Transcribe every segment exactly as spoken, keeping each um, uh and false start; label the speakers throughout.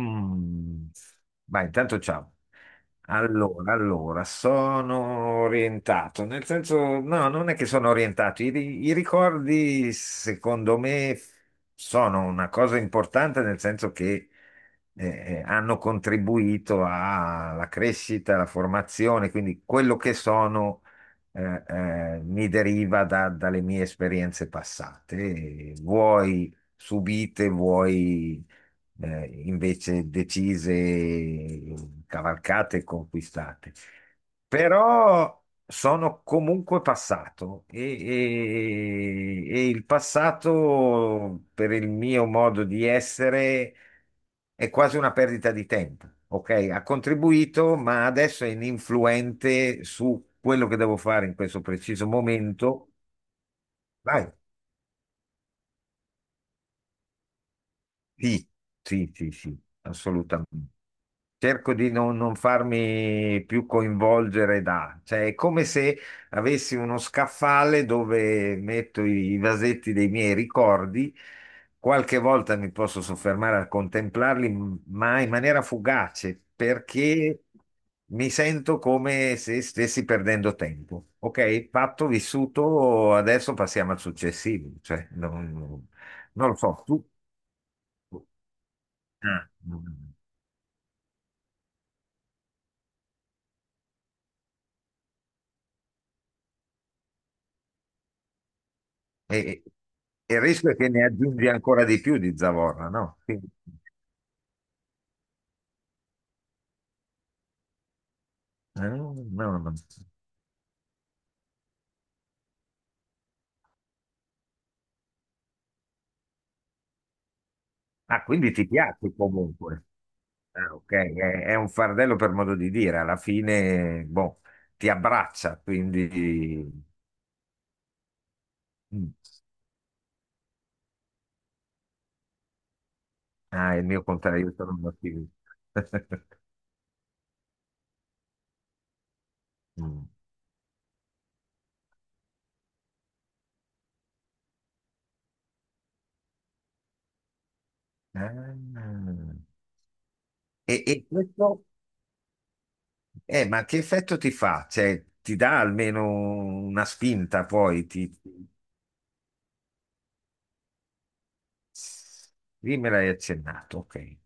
Speaker 1: Mm. Vai, intanto ciao. Allora, allora, sono orientato, nel senso, no, non è che sono orientato, i, ri- i ricordi secondo me sono una cosa importante nel senso che eh, eh, hanno contribuito alla crescita, alla formazione, quindi quello che sono eh, eh, mi deriva da- dalle mie esperienze passate, vuoi subite, vuoi eh, invece decise, cavalcate e conquistate. Però sono comunque passato e, e- e il passato, per il mio modo di essere, è quasi una perdita di tempo. Ok, ha contribuito, ma adesso è ininfluente su quello che devo fare in questo preciso momento. Vai. Sì, sì, sì, sì, assolutamente. Cerco di non, non farmi più coinvolgere da, cioè è come se avessi uno scaffale dove metto i, i vasetti dei miei ricordi, qualche volta mi posso soffermare a contemplarli, m- ma in maniera fugace, perché mi sento come se stessi perdendo tempo. Ok, fatto, vissuto, adesso passiamo al successivo, cioè non, non lo so, tu. Ah. No, no, no. E, e il rischio è che ne aggiungi ancora di più di zavorra, no? Quindi- eh, no, no. Ah, quindi ti piace comunque. Ah, ok, è, è un fardello per modo di dire, alla fine, boh, ti abbraccia, quindi. Mm. Ah, è il mio contrario, io sono un ottimista. Mm. Ah. E, e questo, eh, ma che effetto ti fa? Cioè, ti dà almeno una spinta poi? Ti. Sì, me l'hai accennato, ok.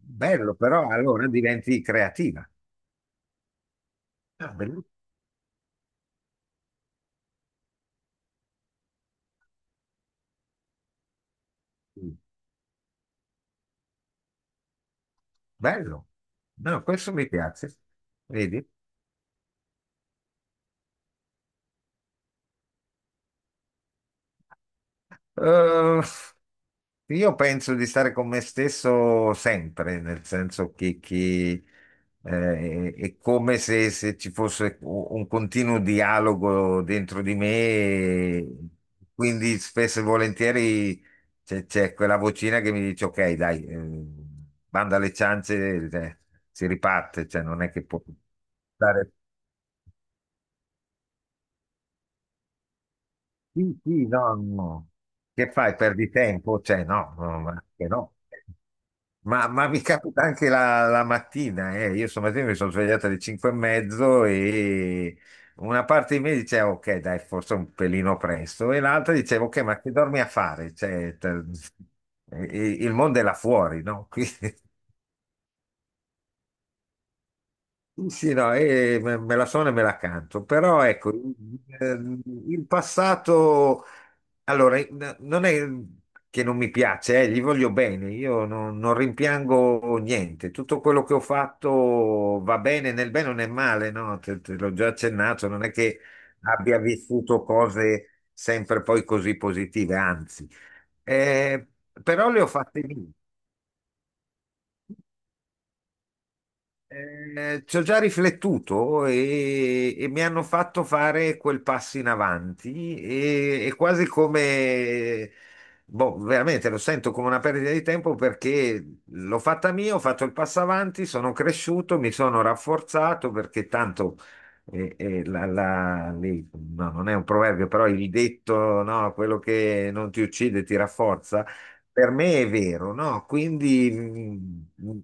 Speaker 1: Bello, però allora diventi creativa. Ah, bellissimo. Bello. No, questo mi piace. Vedi? Eh, Io penso di stare con me stesso sempre, nel senso che, che, eh, è come se, se ci fosse un continuo dialogo dentro di me, quindi spesso e volentieri c'è c'è quella vocina che mi dice: Ok, dai, eh, banda alle ciance, eh, si riparte, cioè non è che può stare. Sì, sì, no, no. Che fai? Perdi tempo? Cioè, no, no, ma che no. Ma, ma mi capita anche la, la mattina, eh. Io stamattina mi sono svegliato alle cinque e mezzo e una parte di me diceva, ok, dai, forse un pelino presto, e l'altra diceva, ok, ma che dormi a fare? Cioè, te- e- e- il mondo è là fuori, no? Qui- Sì, no, eh, me me la sono e me la canto, però ecco, ehm, il passato, allora, n- non è che non mi piace, eh, gli voglio bene, io non, non rimpiango niente, tutto quello che ho fatto va bene, nel bene o nel male, no? Te, te l'ho già accennato, non è che abbia vissuto cose sempre poi così positive, anzi, Eh, però le ho fatte mie. Eh, ci ho già riflettuto e, e mi hanno fatto fare quel passo in avanti e, è quasi come, boh, veramente lo sento come una perdita di tempo perché l'ho fatta mia, ho fatto il passo avanti, sono cresciuto, mi sono rafforzato perché tanto eh, eh, la- la- lì- no, non è un proverbio, però il detto, no, quello che non ti uccide ti rafforza. Per me è vero, no? Quindi mh,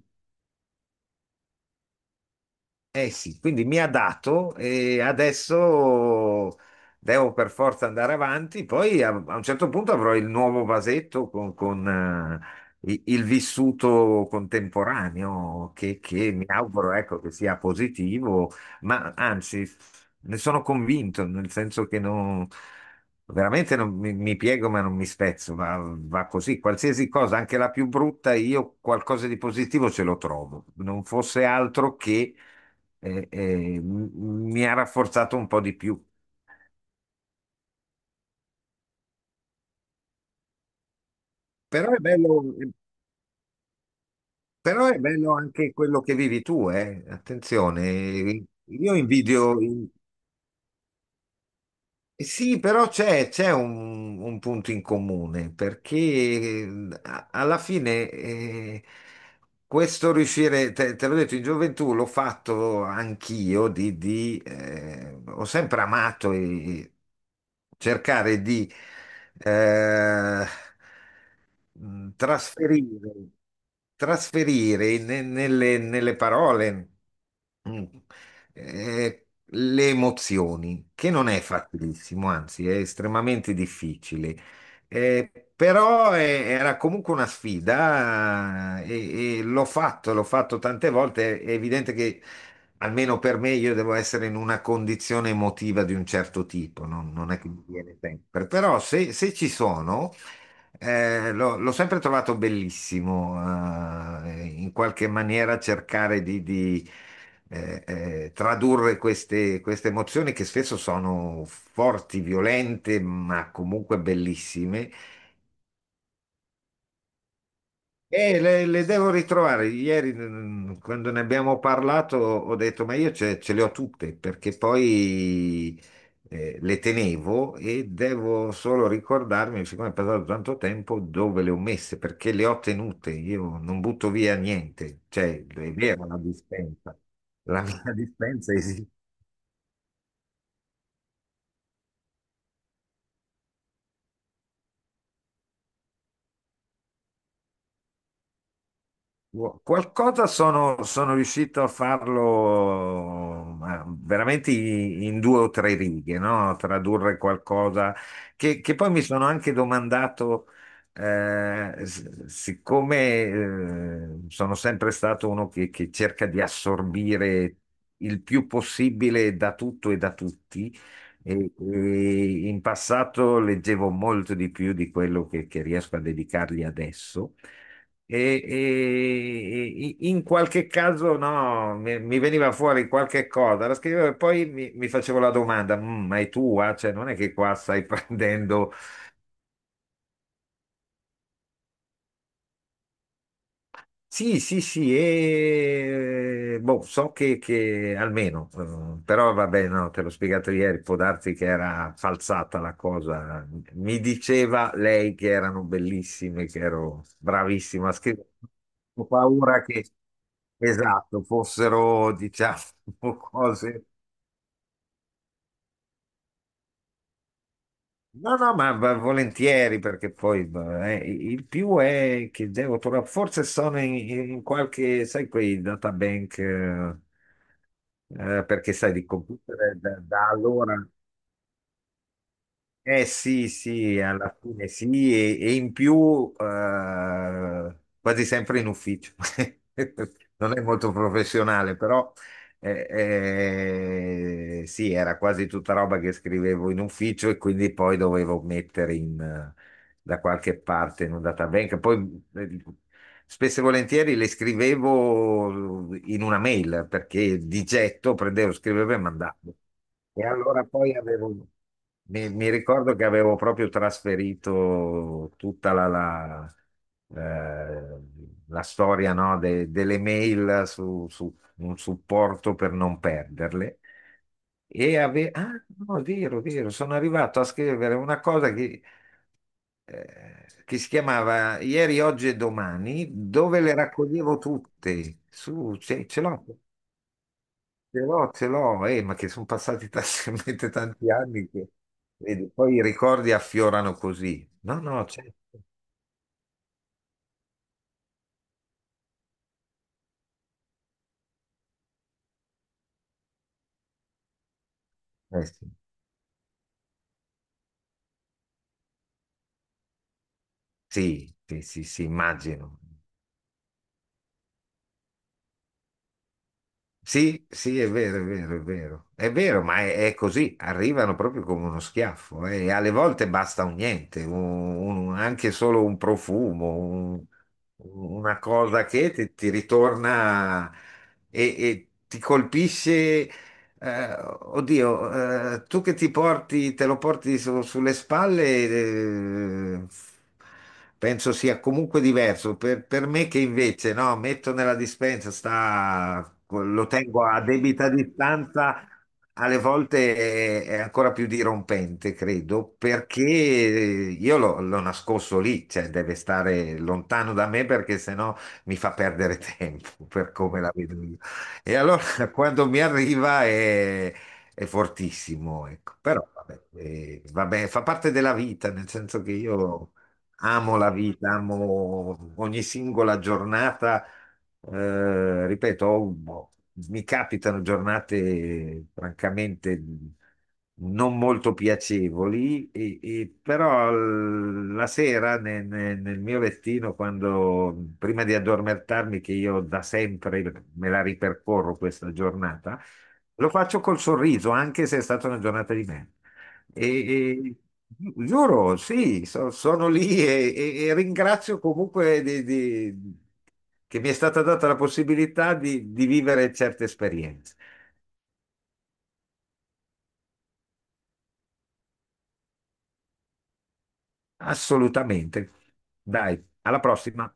Speaker 1: eh sì, quindi mi ha dato e adesso devo per forza andare avanti. Poi a, a un certo punto avrò il nuovo vasetto con, con, eh, i- il vissuto contemporaneo che, che mi auguro, ecco, che sia positivo, ma anzi, ne sono convinto, nel senso che non, veramente non mi, mi piego, ma non mi spezzo, va, va così. Qualsiasi cosa, anche la più brutta, io qualcosa di positivo ce lo trovo. Non fosse altro che e- e m- mi ha rafforzato un po' di più. Però è bello, però è bello anche quello che vivi tu, eh. Attenzione, io invidio, in- Eh sì, però c'è c'è un, un punto in comune, perché a- alla fine eh, questo riuscire, te, te l'ho detto, in gioventù l'ho fatto anch'io, di, di, eh, ho sempre amato e cercare di. eh, mh, trasferire, trasferire ne- nelle, nelle parole mh, eh, le emozioni, che non è facilissimo, anzi è estremamente difficile. Eh, però eh, era comunque una sfida eh, e, e l'ho fatto, l'ho fatto tante volte. È evidente che almeno per me io devo essere in una condizione emotiva di un certo tipo, non, non è che mi viene sempre. Però se, se ci sono, eh, l'ho l'ho sempre trovato bellissimo, eh, in qualche maniera cercare di, di, eh, eh, tradurre queste, queste emozioni che spesso sono forti, violente, ma comunque bellissime, Eh, le, le devo ritrovare. Ieri, mm, quando ne abbiamo parlato, ho detto, ma io ce, ce le ho tutte, perché poi eh, le tenevo e devo solo ricordarmi, siccome è passato tanto tempo, dove le ho messe, perché le ho tenute. Io non butto via niente. Cioè, è vero la dispensa. La mia dispensa esiste. Wow. Qualcosa sono, sono riuscito a farlo ma veramente in, in due o tre righe, no? Tradurre qualcosa che, che poi mi sono anche domandato, eh, s- siccome eh, sono sempre stato uno che, che cerca di assorbire il più possibile da tutto e da tutti, e- e in passato leggevo molto di più di quello che, che riesco a dedicargli adesso. E, e- e in qualche caso no, mi, mi veniva fuori qualche cosa, la scrivevo e poi mi, mi facevo la domanda: "Mm, ma è tua? Cioè, non è che qua stai prendendo. Sì, sì, sì, e boh, so che, che almeno, eh, però vabbè, no, te l'ho spiegato ieri, può darsi che era falsata la cosa. Mi diceva lei che erano bellissime, che ero bravissimo a scrivere. Ho paura che, esatto, fossero, diciamo, cose. No, no, ma va- volentieri perché poi beh, eh, il più è che devo trovare, forse sono in, in qualche, sai, quei databank, eh, eh, perché sai, di computer eh, da, da allora. Eh sì, sì, alla fine sì, e, e in più eh, quasi sempre in ufficio. Non è molto professionale, però eh, eh, sì, era quasi tutta roba che scrivevo in ufficio e quindi poi dovevo mettere in, eh, da qualche parte in un databank. Poi eh, spesso e volentieri le scrivevo eh, in una mail perché di getto prendevo, scrivevo e mandavo. E allora poi avevo, mi, mi ricordo che avevo proprio trasferito tutta la, la, eh, la storia, no, de- delle mail su, su un supporto per non perderle. E ave- ah, no, è vero, è vero, sono arrivato a scrivere una cosa che eh, che si chiamava Ieri, Oggi e Domani, dove le raccoglievo tutte. Su, ce, ce l'ho, ce l'ho, ce l'ho, eh, ma che sono passati talmente tanti anni che vedi, poi i ricordi affiorano così. No, no, certo. Eh, sì, sì, sì, sì, sì, immagino. Sì, sì, è vero, è vero, è vero. È vero, ma è, è così, arrivano proprio come uno schiaffo eh, e alle volte basta un niente, un- un- anche solo un profumo, un- una cosa che ti, ti ritorna e, e ti colpisce eh, oddio, eh, tu che ti porti, te lo porti su- sulle spalle, eh, penso sia comunque diverso. Per, per me che invece, no, metto nella dispensa, sta, lo tengo a debita distanza, alle volte è, è ancora più dirompente, credo, perché io l'ho l'ho nascosto lì, cioè deve stare lontano da me perché sennò mi fa perdere tempo per come la vedo io. E allora cioè, quando mi arriva è, è fortissimo, ecco. Però vabbè, eh, vabbè, fa parte della vita, nel senso che io amo la vita, amo ogni singola giornata. Eh, ripeto, ho- mi capitano giornate francamente non molto piacevoli, e- e però l- la sera ne- ne- nel mio lettino, quando, prima di addormentarmi, che io da sempre me la ripercorro questa giornata, lo faccio col sorriso, anche se è stata una giornata di merda. E, e- gi- Giuro, sì, so- sono lì e, e- e ringrazio comunque di- di- che mi è stata data la possibilità di di vivere certe esperienze. Assolutamente. Dai, alla prossima.